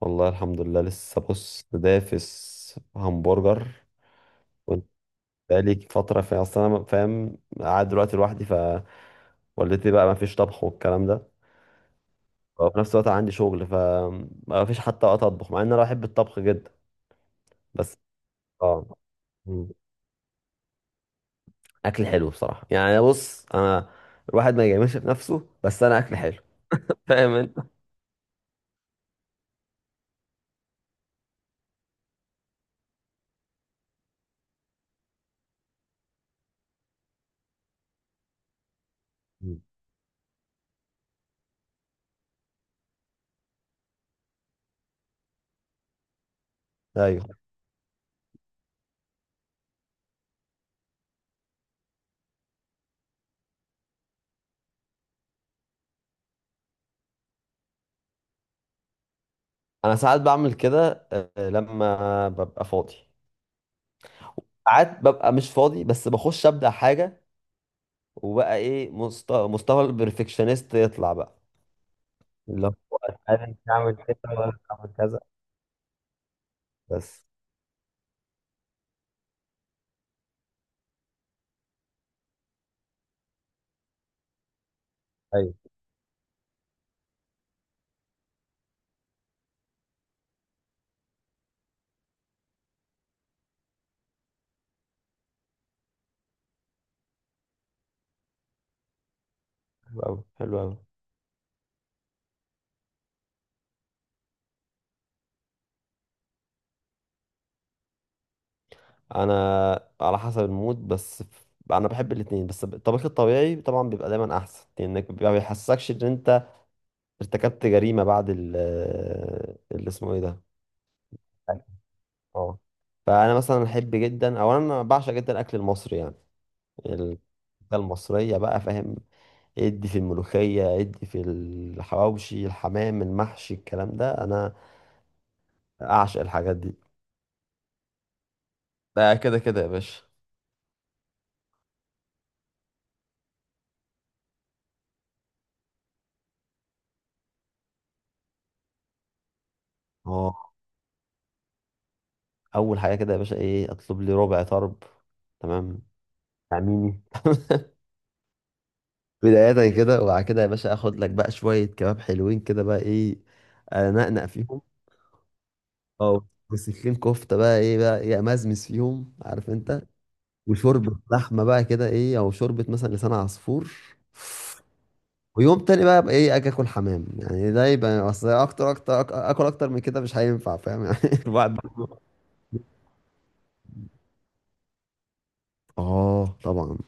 والله الحمد لله لسه بص دافس همبرجر. كنت بقالي فترة في، أصل أنا فاهم، قاعد دلوقتي لوحدي فوالدتي بقى ما فيش طبخ والكلام ده. وفي نفس الوقت عندي شغل فما فيش حتى وقت أطبخ مع إن أنا بحب الطبخ جدا بس. آه. مم. أكل حلو بصراحة، يعني بص أنا الواحد ما يجاملش في نفسه، بس أنا أكل حلو. فاهم أنت؟ مم. أيوه. أنا ساعات بعمل كده آه، لما ببقى فاضي. ساعات ببقى مش فاضي بس بخش أبدأ حاجة وبقى ايه، مستوى البرفكشنست يطلع بقى. اللي هو انا مش هعمل كده ولا هعمل كذا بس. ايوه. حلو قوي حلو قوي. انا على حسب المود بس ف-، انا بحب الاثنين بس الطبيخ الطبيعي طبعا بيبقى دايما احسن، لانك ما بيحسكش ان انت ارتكبت جريمه بعد ال، اللي اسمه ايه ده. أيوة. اه. فانا مثلا احب جدا او انا بعشق جدا الاكل المصري، يعني الأكلة المصريه بقى فاهم. ادي في الملوخية، ادي في الحواوشي، الحمام المحشي، الكلام ده انا اعشق الحاجات دي. ده كده كده يا باشا. اه، اول حاجة كده يا باشا ايه، اطلب لي ربع طرب تمام، تعميني. بداية كده، وبعد كده يا باشا اخد لك بقى شوية كباب حلوين كده بقى ايه، انقنق فيهم. اه، وسكين كفتة بقى ايه بقى ايه، امزمز فيهم عارف انت. وشوربة لحمة بقى كده ايه، او شوربة مثلا لسان عصفور. ويوم تاني بقى ابقى ايه، اجي اكل حمام. يعني ده يبقى اصل، اكتر اكتر أك- اكل اكتر من كده مش هينفع فاهم يعني. الواحد. اه طبعا.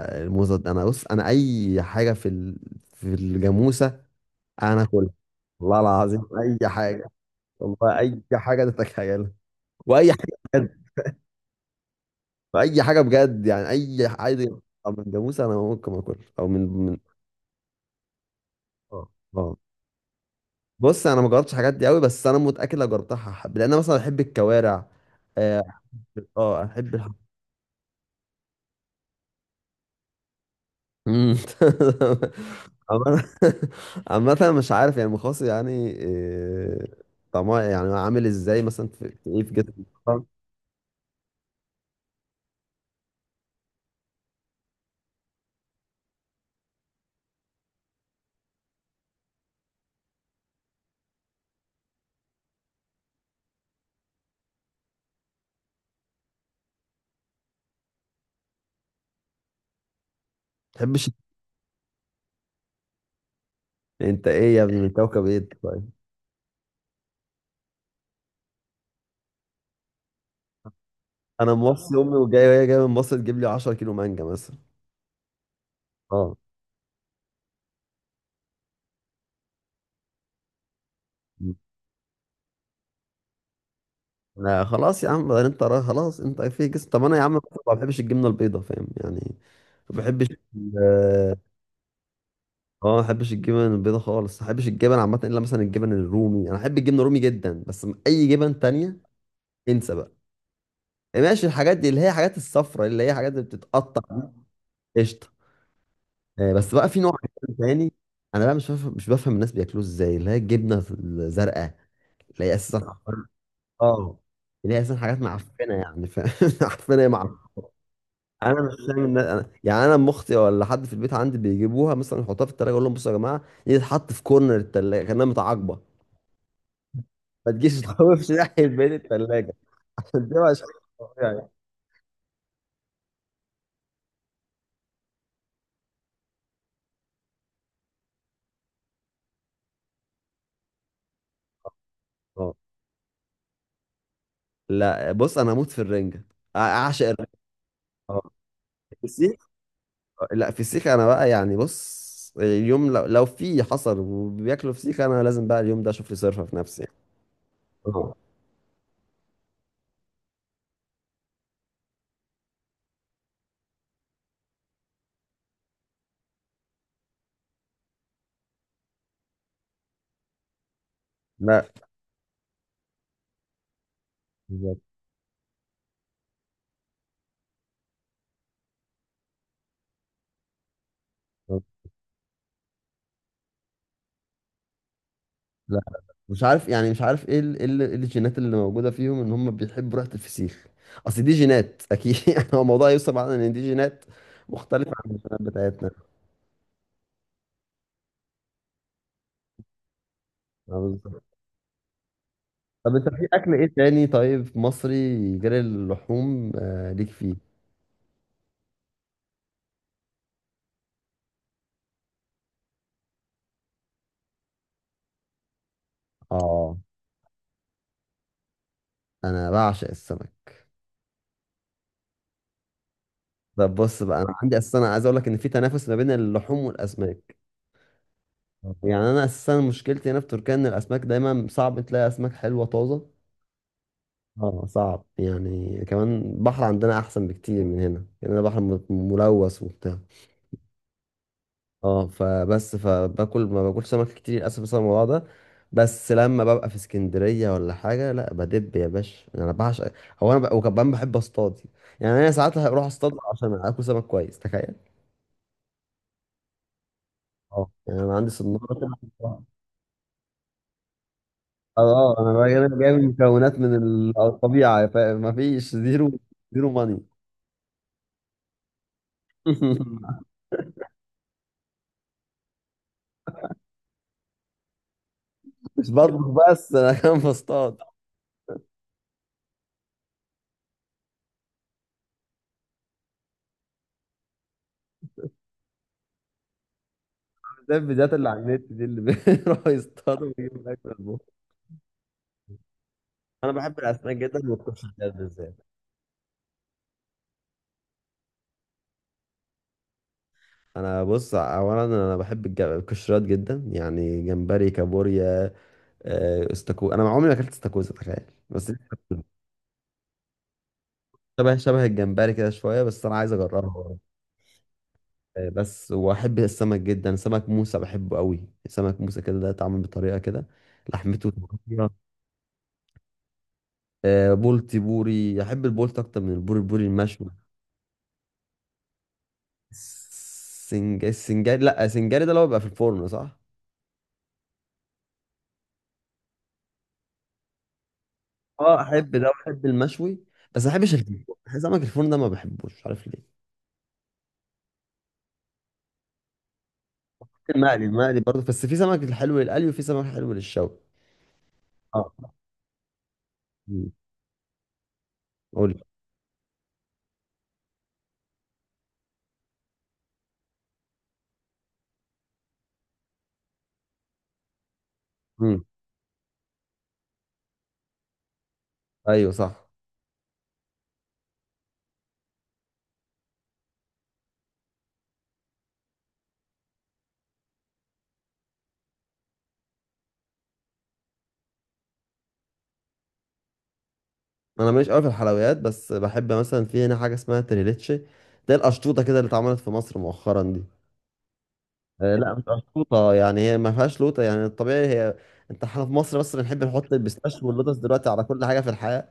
الموزة دي-، انا بص انا اي حاجة في ال...، في الجاموسة انا اكلها، والله العظيم. اي حاجة، والله اي حاجة تتخيلها، واي حاجة بجد، اي حاجة بجد يعني اي حاجة. من جاموسة انا ممكن اكل او من. اه. آه. بص انا ما جربتش الحاجات دي قوي، بس انا متأكد لو جربتها هحب، لان انا مثلا بحب الكوارع. اه. اه احب الحاجات. مم. عامة، عامة مش عارف يعني المخاص يعني إيه، طعمها يعني عامل ازاي مثلا، في في ايه في جسم، ما تحبش. انت ايه يا ابني، من كوكب ايه أنت طيب؟ انا موصي امي وجاي وهي جايه من مصر تجيب لي 10 كيلو مانجا مثلا. اه. لا خلاص يا عم بعدين، انت را- خلاص انت في جسم. طب انا يا عم ما بحبش الجبنه البيضاء فاهم يعني، ما بحبش ال-. اه ما بحبش الجبن البيضاء خالص، ما بحبش الجبن عامه، الا مثلا الجبن الرومي، انا احب الجبن الرومي جدا، بس اي جبن تانية انسى بقى. يعني ماشي الحاجات دي اللي هي حاجات الصفرة اللي هي حاجات اللي بتتقطع، قشطة. آه، بس بقى في نوع عجيب تاني، انا بقى مش بفهم الناس بياكلوه ازاي، اللي هي الجبنة الزرقاء، اللي هي اساسا حوار-. اه. اللي هي اساسا حاجات معفنة يعني ف... معفنة يا معفنة. انا مش فاهم الناس أنا... يعني انا ام اختي ولا حد في البيت عندي بيجيبوها مثلا يحطوها في التلاجة، اقول لهم بصوا يا جماعة دي تتحط في كورنر التلاجة كأنها متعاقبة، ما تجيش تخوفش ناحية بين التلاجة، عشان دي مش طبيعي. اه. لا بص انا هموت في الرنجة، أع- اعشق الرنجة. آه. في السيخ، لا في السيخ انا بقى يعني بص، اليوم لو، لو في حصل وبياكلوا فسيخ انا لازم بقى اليوم ده اشوف لي صرفه في نفسي يعني. آه. لا. بالظبط. آه. لا مش عارف يعني مش عارف ايه ال- ايه ال- إيه الجينات اللي موجوده فيهم ان هم بيحبوا ريحه الفسيخ، اصل دي جينات اكيد. يعني هو الموضوع يوصل معانا ان دي جينات مختلفه عن الجينات بتاعتنا. آه، بالظبط. طب انت في اكل ايه تاني طيب مصري غير اللحوم؟ آه ليك فيه. اه انا بعشق السمك. طب بص بقى انا عندي اساسا، أنا عايز اقول لك ان في تنافس ما بين اللحوم والاسماك. اه يعني انا اساسا مشكلتي هنا في تركيا ان الاسماك دايما صعب تلاقي اسماك حلوه طازه. اه صعب يعني، كمان البحر عندنا احسن بكتير من هنا، يعني انا بحر م- ملوث وبتاع. اه فبس فباكل ما باكلش سمك كتير للاسف بسبب الموضوع ده. بس لما ببقى في اسكندريه ولا حاجه، لا بدب يا باشا انا بعشق. هو انا ب... وكمان بحب اصطاد، يعني انا ساعات هروح اصطاد عشان اكل سمك كويس تخيل. اه يعني انا عندي صناره كده. اه. آه، انا بقى-، انا جايب مكونات من ال- الطبيعه فما فيش زيرو زيرو ماني. مش بطبخ بس انا كمان بصطاد. زي الفيديوهات اللي على النت دي اللي بيروحوا يصطادوا ويجيبوا الاكل يطبخوا. انا بحب الاسماك جدا والقشريات بالذات. انا بص اولا انا بحب الج- القشريات جدا، يعني جمبري كابوريا. آه، استاكوزا انا عمري ما اكلت استاكوزا تخيل بس، شبه الجمبري كده شويه بس انا عايز اجربها. آه، بس واحب السمك جدا، سمك موسى بحبه قوي، سمك موسى كده ده اتعمل بطريقه كده لحمته طرية. آه، بولتي بوري احب البولت اكتر من البوري، البوري المشوي. السنج... السنجاري، لا السنجاري ده اللي هو بيبقى في الفرن صح. اه احب ده واحب المشوي، بس ما بحبش الفرن، سمك الفرن ده ما بحبوش مش عارف ليه. المقلي، المقلي برضه، بس في سمك الحلو للقلي وفي سمك حلو للشوي. اه. مم. قول. مم. ايوه صح. انا ماليش قوي في الحلويات، بس بحب مثلا في هنا حاجه اسمها تريليتشي، ده القشطوطه كده اللي اتعملت في مصر مؤخرا دي. آه، لا مش قشطوطه يعني هي ما فيهاش لوطه يعني الطبيعي هي. انت احنا في مصر بس بنحب نحط البيستاشيو واللوتس دلوقتي على كل حاجه في الحياه.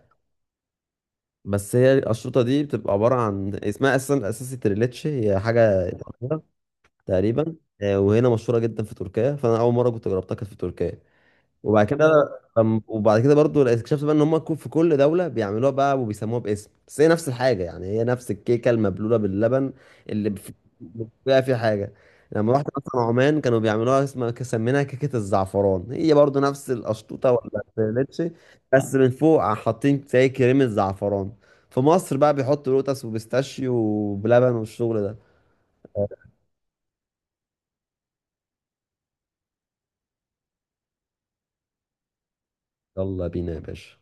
بس هي القشطوطه دي بتبقى عباره عن، اسمها اساسا اساسي تريليتشي، هي حاجه إيطالية تقريبا. آه، وهنا مشهوره جدا في تركيا، فانا اول مره كنت جربتها كانت في تركيا. وبعد كده، أم- وبعد كده برضو اكتشفت بقى ان هم كو-، في كل دوله بيعملوها بقى وبيسموها باسم، بس هي نفس الحاجه، يعني هي نفس الكيكه المبلوله باللبن اللي بف- بيبقى فيها حاجه. لما رحت مثلا عمان كانوا بيعملوها اسمها سميناها كيكه الزعفران، هي برضو نفس القشطوطه ولا الفيليتشي، بس من فوق حاطين زي كريمه زعفران. في مصر بقى بيحطوا لوتس وبيستاشيو وبلبن والشغل ده. يلا بينا يا باشا.